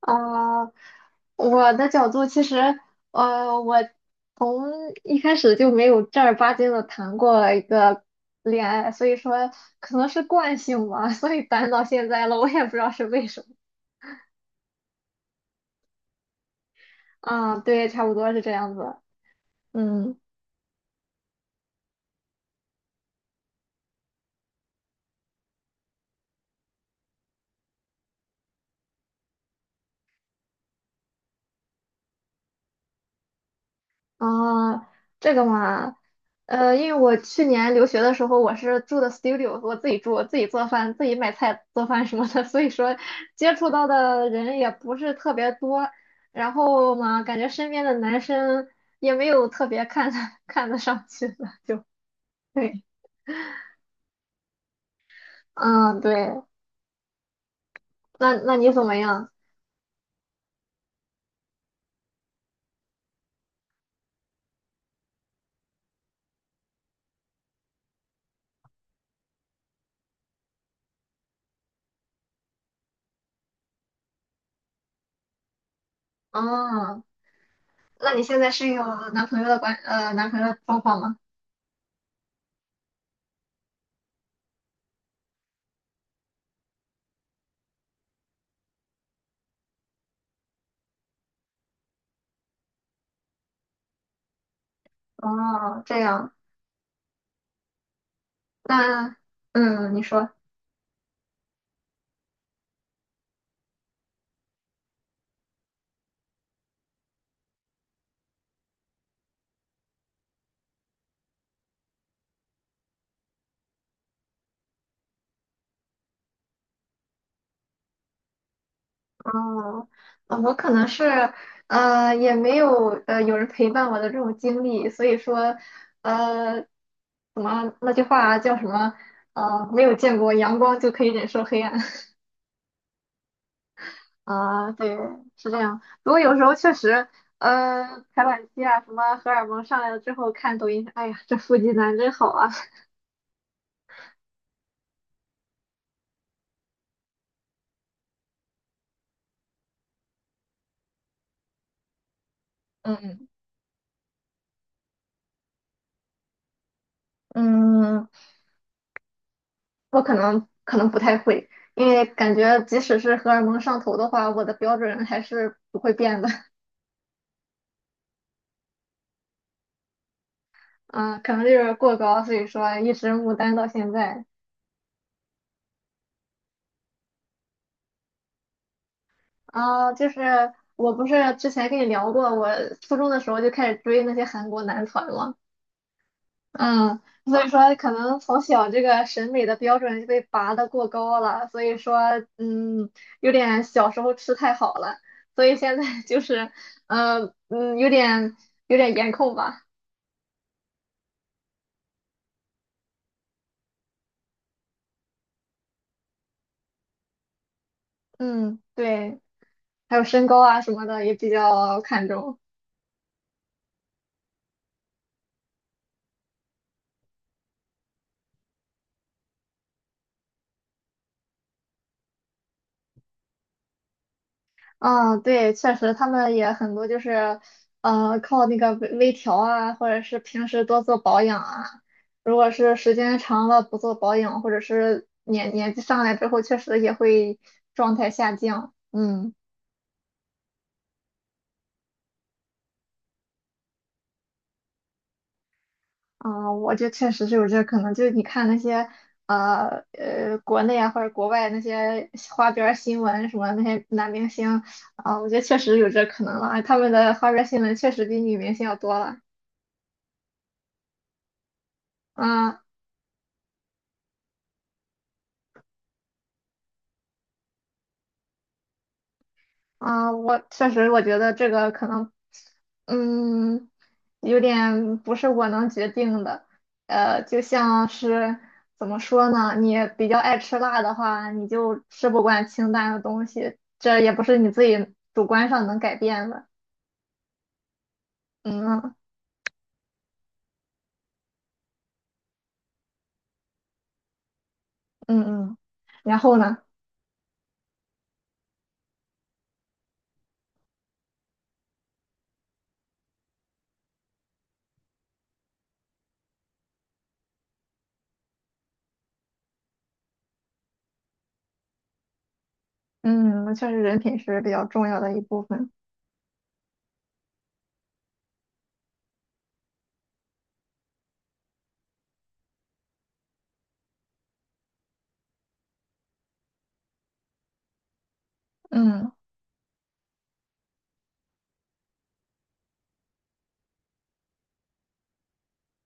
啊，我的角度其实，我从一开始就没有正儿八经的谈过一个恋爱，所以说可能是惯性吧，所以单到现在了，我也不知道是为什么。啊，对，差不多是这样子。嗯，啊，这个嘛，因为我去年留学的时候，我是住的 studio，我自己住，我自己做饭，自己买菜做饭什么的，所以说接触到的人也不是特别多。然后嘛，感觉身边的男生也没有特别看得 看得上去的，就 对，嗯，对。那你怎么样？哦，那你现在是有男朋友的状况吗？哦，这样，那你说。哦，我可能是也没有有人陪伴我的这种经历，所以说呃怎么那句话叫什么没有见过阳光就可以忍受黑暗 啊、对，是这样。不过有时候确实排卵期啊什么荷尔蒙上来了之后看抖音，哎呀这腹肌男真好啊。嗯嗯，我可能不太会，因为感觉即使是荷尔蒙上头的话，我的标准还是不会变的。啊，可能就是过高，所以说一直牡丹到现在。啊，就是我不是之前跟你聊过，我初中的时候就开始追那些韩国男团嘛，嗯，所以说可能从小这个审美的标准就被拔得过高了，所以说嗯，有点小时候吃太好了，所以现在 就是嗯嗯，有点有点颜控吧。嗯，对，还有身高啊什么的也比较看重。嗯，对，确实，他们也很多就是，靠那个微微调啊，或者是平时多做保养啊。如果是时间长了不做保养，或者是年纪上来之后，确实也会状态下降。嗯，啊、我觉得确实是有这可能。就是你看那些，国内啊或者国外那些花边儿新闻什么那些男明星啊、我觉得确实有这可能了。他们的花边儿新闻确实比女明星要多了。嗯啊，我确实，我觉得这个可能，嗯，有点不是我能决定的。就像是怎么说呢？你比较爱吃辣的话，你就吃不惯清淡的东西，这也不是你自己主观上能改变的。嗯嗯嗯。然后呢？嗯，确实人品是比较重要的一部分。嗯。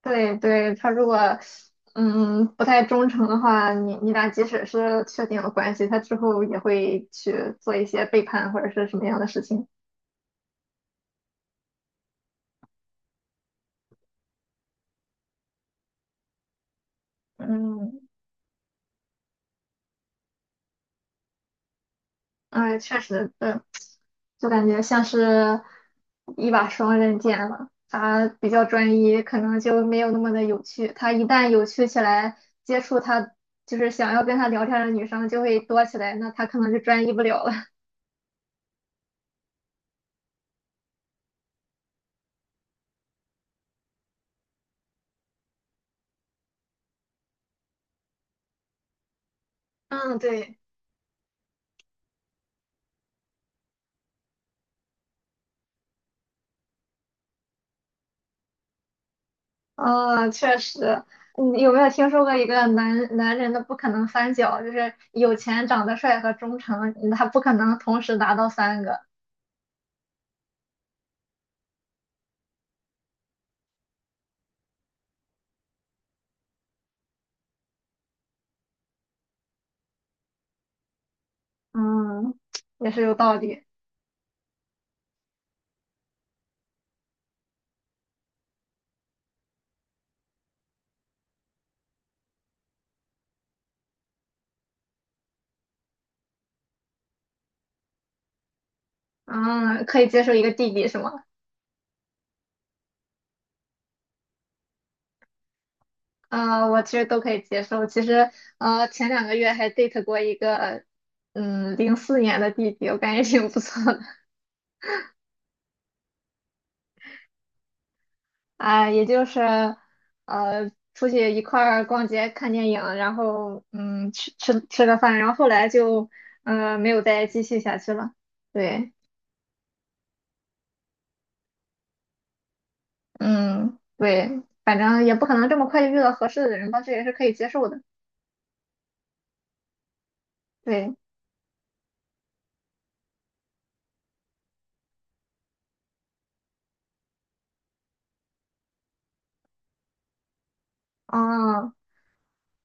对对，他如果不太忠诚的话，你俩即使是确定了关系，他之后也会去做一些背叛或者是什么样的事情。嗯，哎，确实，对，就感觉像是一把双刃剑了。他比较专一，可能就没有那么的有趣。他一旦有趣起来，接触他就是想要跟他聊天的女生就会多起来，那他可能就专一不了了。嗯，对。嗯，确实，你有没有听说过一个男人的不可能三角，就是有钱、长得帅和忠诚，他不可能同时达到三个。嗯，也是有道理。嗯，可以接受一个弟弟是吗？啊、我其实都可以接受。其实，前2个月还 date 过一个，04年的弟弟，我感觉挺不错的。啊，也就是出去一块儿逛街、看电影，然后吃个饭，然后后来就没有再继续下去了。对。嗯，对，反正也不可能这么快就遇到合适的人吧，这也是可以接受的。对，哦。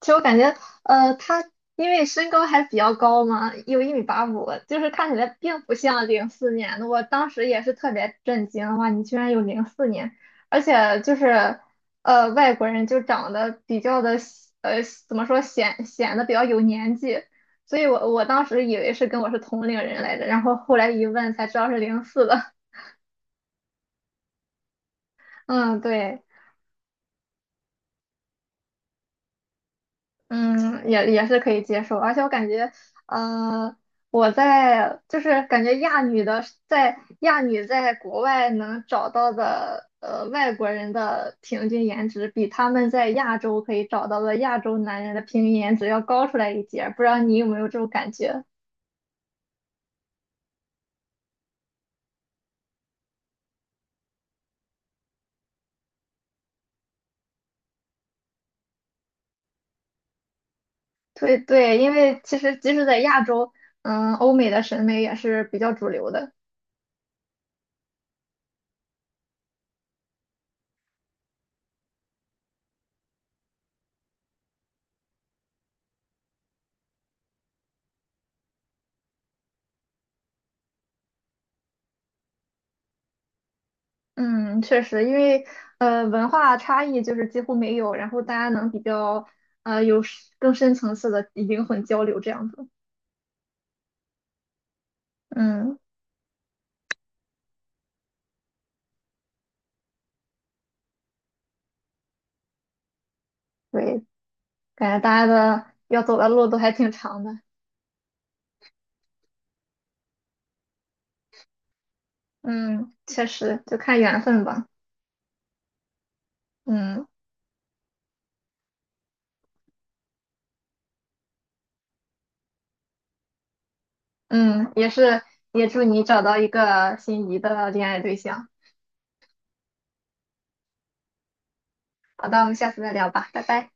其实我感觉，他因为身高还比较高嘛，有1米85，就是看起来并不像零四年的。我当时也是特别震惊，哇，你居然有零四年，而且就是，外国人就长得比较的，呃，怎么说显得比较有年纪，所以我当时以为是跟我是同龄人来着，然后后来一问才知道是零四的。嗯，对，嗯，也是可以接受，而且我感觉。呃就是感觉亚女的在亚女在国外能找到的外国人的平均颜值，比他们在亚洲可以找到的亚洲男人的平均颜值要高出来一截儿，不知道你有没有这种感觉？对对，因为其实即使在亚洲，嗯，欧美的审美也是比较主流的。嗯，确实，因为文化差异就是几乎没有，然后大家能比较有更深层次的灵魂交流这样子。嗯，对。感觉大家的要走的路都还挺长的。嗯，确实，就看缘分吧。嗯嗯，也是，也祝你找到一个心仪的恋爱对象。好的，我们下次再聊吧，拜拜。